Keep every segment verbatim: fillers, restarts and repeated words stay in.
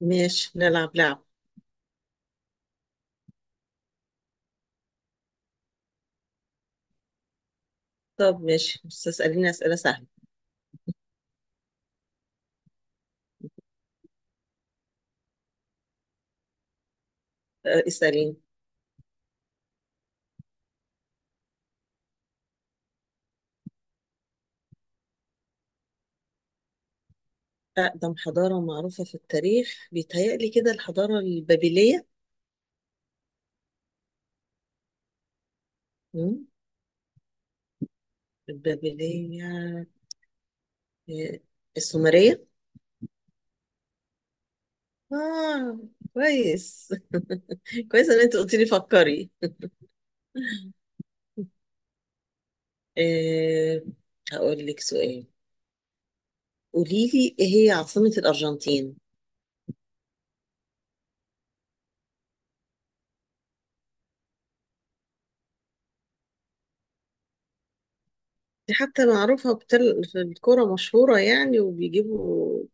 ماشي، نلعب لعب. طب ماشي، بس اسأليني أسئلة سهلة. أه، اسأليني. أقدم حضارة معروفة في التاريخ بيتهيألي كده الحضارة البابلية. مم؟ البابلية. أه، السومرية. آه. كويس. كويس إن أنت قلت لي فكري. أه، هقول لك سؤال. قولي لي، إيه هي عاصمة الأرجنتين؟ دي حتى معروفة، بتل... في الكورة مشهورة يعني وبيجيبوا.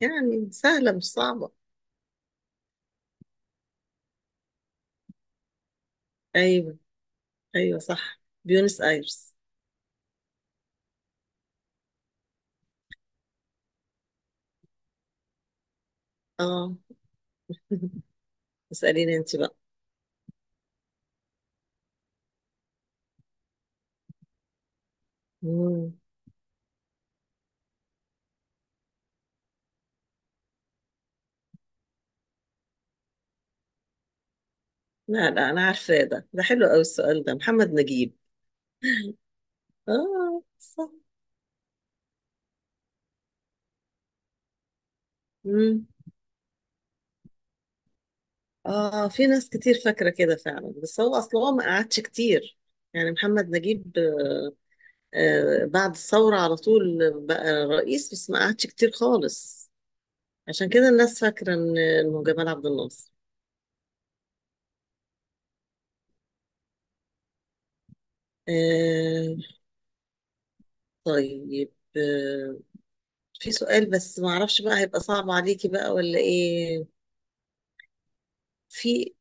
يعني سهلة مش صعبة. أيوة. ايوه، صح، بيونس ايرس. اه. اساليني انت بقى. مم. لا، لا، انا عارفاه، ده ده حلو قوي السؤال ده، محمد نجيب. اه، صح. مم. اه، في ناس كتير فاكره كده فعلا، بس هو اصلا هو ما قعدش كتير. يعني محمد نجيب. آه، بعد الثوره على طول بقى رئيس، بس ما قعدش كتير خالص. عشان كده الناس فاكره ان انه جمال عبد الناصر. آه. طيب، آه في سؤال، بس ما اعرفش بقى، هيبقى صعب عليكي بقى ولا ايه؟ في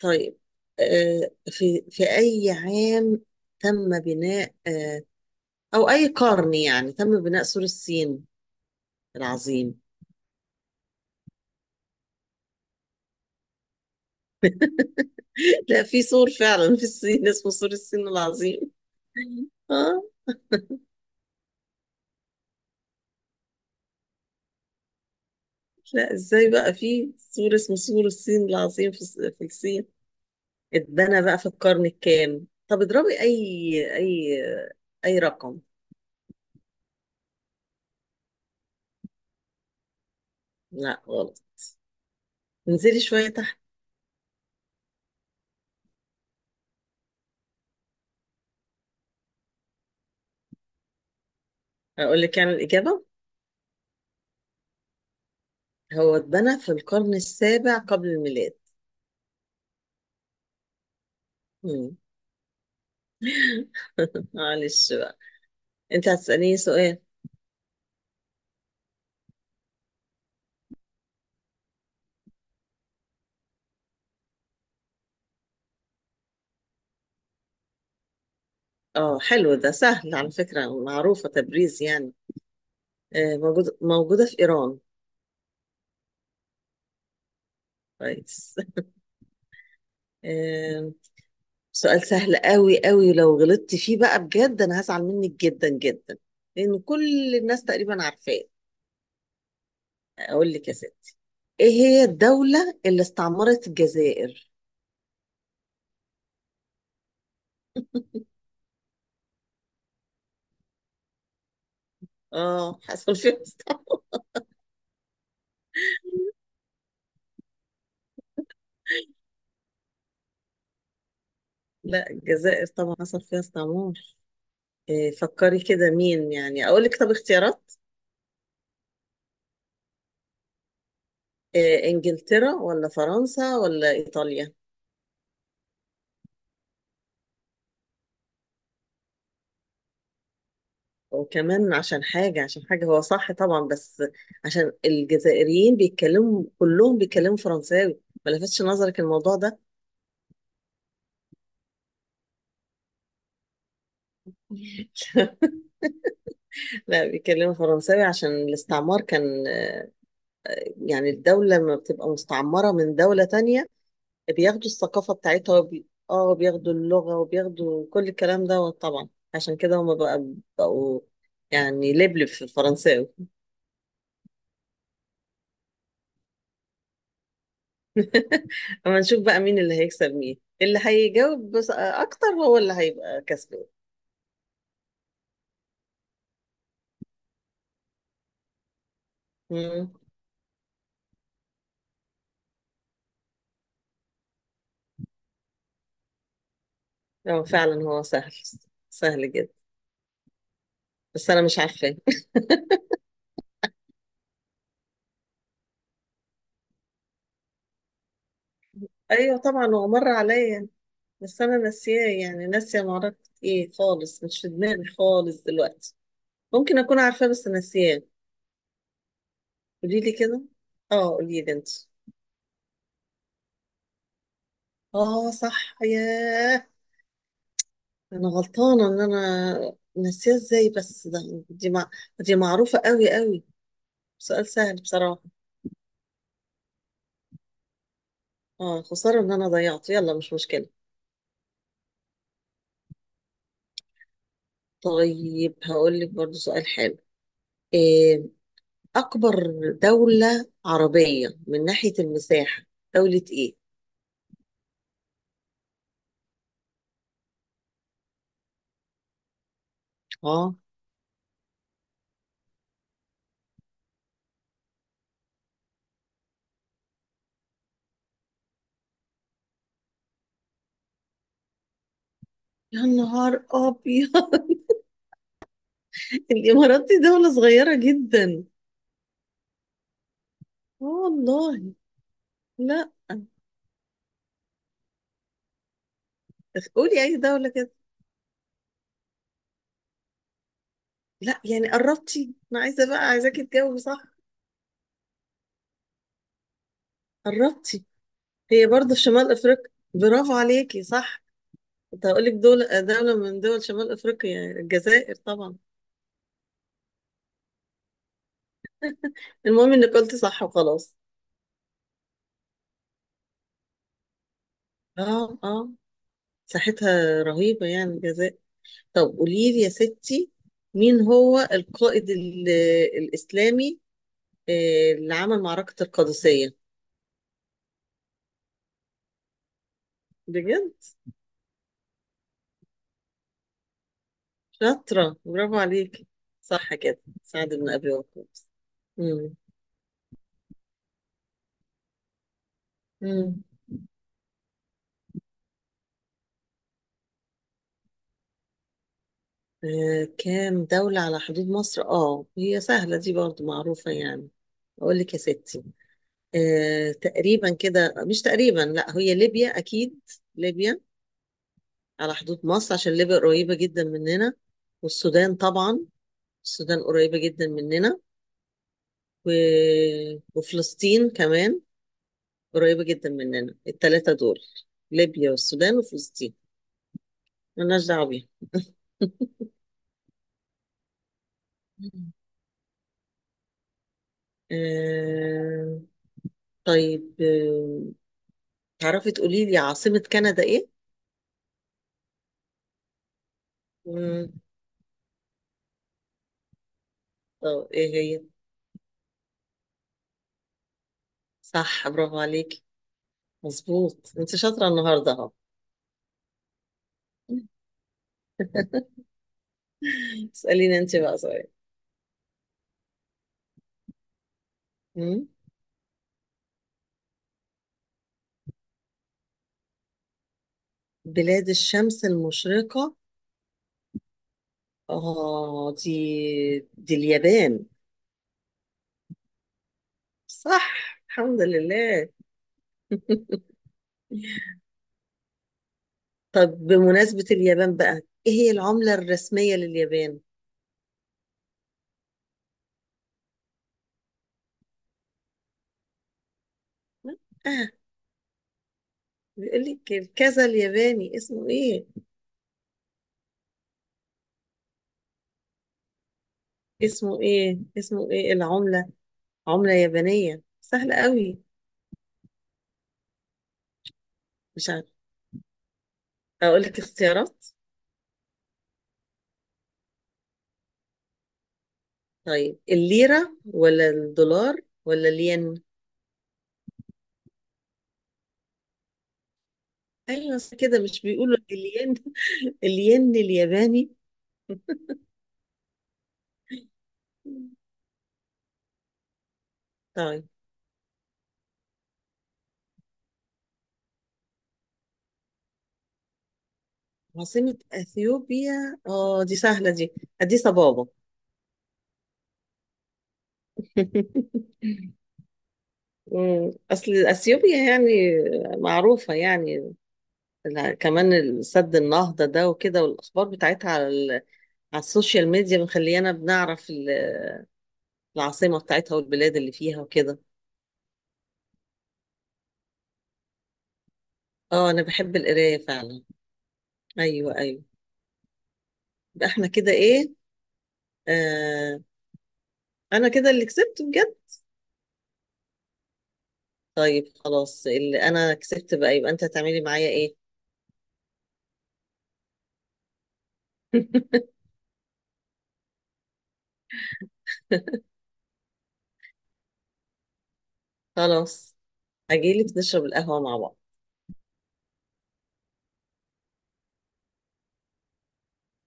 طيب، آه في في اي عام تم بناء، آه او اي قرن يعني، تم بناء سور الصين العظيم؟ لا، في سور فعلا في الصين اسمه سور الصين العظيم. اه. لا، ازاي بقى في سور اسمه سور الصين العظيم في الص- في الصين. اتبنى بقى في القرن الكام؟ طب اضربي اي اي آه، اي رقم. لا، غلط. انزلي شوية. أقول لك يعني الإجابة. هو اتبنى في القرن السابع قبل الميلاد. مم. معلش بقى. أنت هتسأليني سؤال. أه، حلو ده سهل على فكرة، معروفة تبريز يعني. آه موجود موجودة في إيران. كويس. آه. سؤال سهل قوي قوي، لو غلطت فيه بقى بجد أنا هزعل منك جدا جدا. لأن كل الناس تقريبا عارفاه. أقول لك يا ستي، إيه هي الدولة اللي استعمرت الجزائر؟ أه، حصل فيها استعمار. لا، الجزائر طبعا حصل فيها استعمار. إيه، فكري كده مين يعني، اقول لك، طب اختيارات. إيه، انجلترا ولا فرنسا ولا ايطاليا؟ وكمان عشان حاجة، عشان حاجة هو صح طبعا، بس عشان الجزائريين بيتكلموا، كلهم بيتكلموا فرنساوي، ما لفتش نظرك الموضوع ده؟ لا، بيتكلموا فرنساوي عشان الاستعمار كان آه، يعني الدولة لما بتبقى مستعمرة من دولة تانية، بياخدوا الثقافة بتاعتها، وبي... اه بياخدوا اللغة وبياخدوا كل الكلام ده طبعا. عشان كده هما بقى، بقوا يعني لبلب في الفرنساوي. اما نشوف بقى مين اللي هيكسب، مين اللي هيجاوب بس اكتر هو اللي هيبقى كسبان. مم. اه، فعلا هو سهل، سهل جدا. بس انا مش عارفاه. ايوه، طبعا هو مر عليا. بس انا ناسياه، يعني ناسيه معركة ايه خالص، مش في دماغي خالص دلوقتي. ممكن اكون عارفاه بس ناسياه. قولي لي كده. اه، قولي لي انت. اه، صح، ياه. انا غلطانه ان انا ناسيه ازاي، بس ده دي مع... دي معروفه قوي قوي، سؤال سهل بصراحه. اه، خساره ان انا ضيعته، يلا مش مشكله. طيب، هقول لك برضو سؤال حلو. إيه، اكبر دوله عربيه من ناحيه المساحه، دوله ايه؟ اه. يا نهار ابيض. الامارات دي دوله صغيره جدا. آه، والله. لا. قولي اي دوله كده. لا، يعني قربتي، انا عايزه بقى عايزاكي تجاوبي صح. قربتي. هي برضه في شمال افريقيا، برافو عليكي، صح. كنت هقول لك دول، دوله من دول شمال افريقيا، يعني الجزائر طبعا. المهم انك قلتي صح وخلاص. اه، اه. مساحتها رهيبه يعني الجزائر. طب قولي لي يا ستي، مين هو القائد ال- الاسلامي، آه، اللي عمل معركه القادسيه؟ بجد. شاطره، برافو عليكي. صح كده، سعد بن ابي وقاص. امم. آه، كام دولة على حدود مصر؟ اه، هي سهلة دي برضو، معروفة يعني. أقول لك يا ستي، آه، تقريبا كده، مش تقريبا، لا هي ليبيا أكيد. ليبيا على حدود مصر عشان ليبيا قريبة جدا مننا. والسودان طبعا، السودان قريبة جدا مننا. و... وفلسطين كمان قريبة جدا مننا، التلاتة دول، ليبيا والسودان وفلسطين. ملناش دعوة بيهم. مم. آه، طيب، آه، تعرفي تقولي لي عاصمة كندا ايه؟ مم. طب ايه هي؟ صح، برافو عليكي. مظبوط، انت شاطرة النهاردة اهو. اسأليني انت بقى سؤال. مم. بلاد الشمس المشرقة، اه، دي دي اليابان. صح. الحمد لله. طب بمناسبة اليابان بقى، ايه هي العملة الرسمية لليابان؟ اه، بيقول لك الكذا الياباني اسمه ايه؟ اسمه ايه؟ اسمه ايه العملة؟ عملة يابانية سهلة قوي. مش عارفة. أقول لك اختيارات. طيب، الليرة ولا الدولار ولا الين؟ أيوة، بس كده مش بيقولوا الين. الين الياباني. طيب، عاصمة أثيوبيا، اه دي سهلة دي، أديس أبابا. مم. أصل أثيوبيا يعني معروفة يعني. لا، كمان سد النهضة ده وكده، والأخبار بتاعتها على ال- على السوشيال ميديا مخليانا بنعرف العاصمة بتاعتها والبلاد اللي فيها وكده. اه، انا بحب القراية فعلا. ايوه، ايوه. يبقى احنا كده ايه؟ آه، انا كده اللي كسبت بجد. طيب خلاص، اللي انا كسبت بقى، يبقى انت هتعملي معايا ايه؟ خلاص، هجيلك نشرب القهوة مع بعض.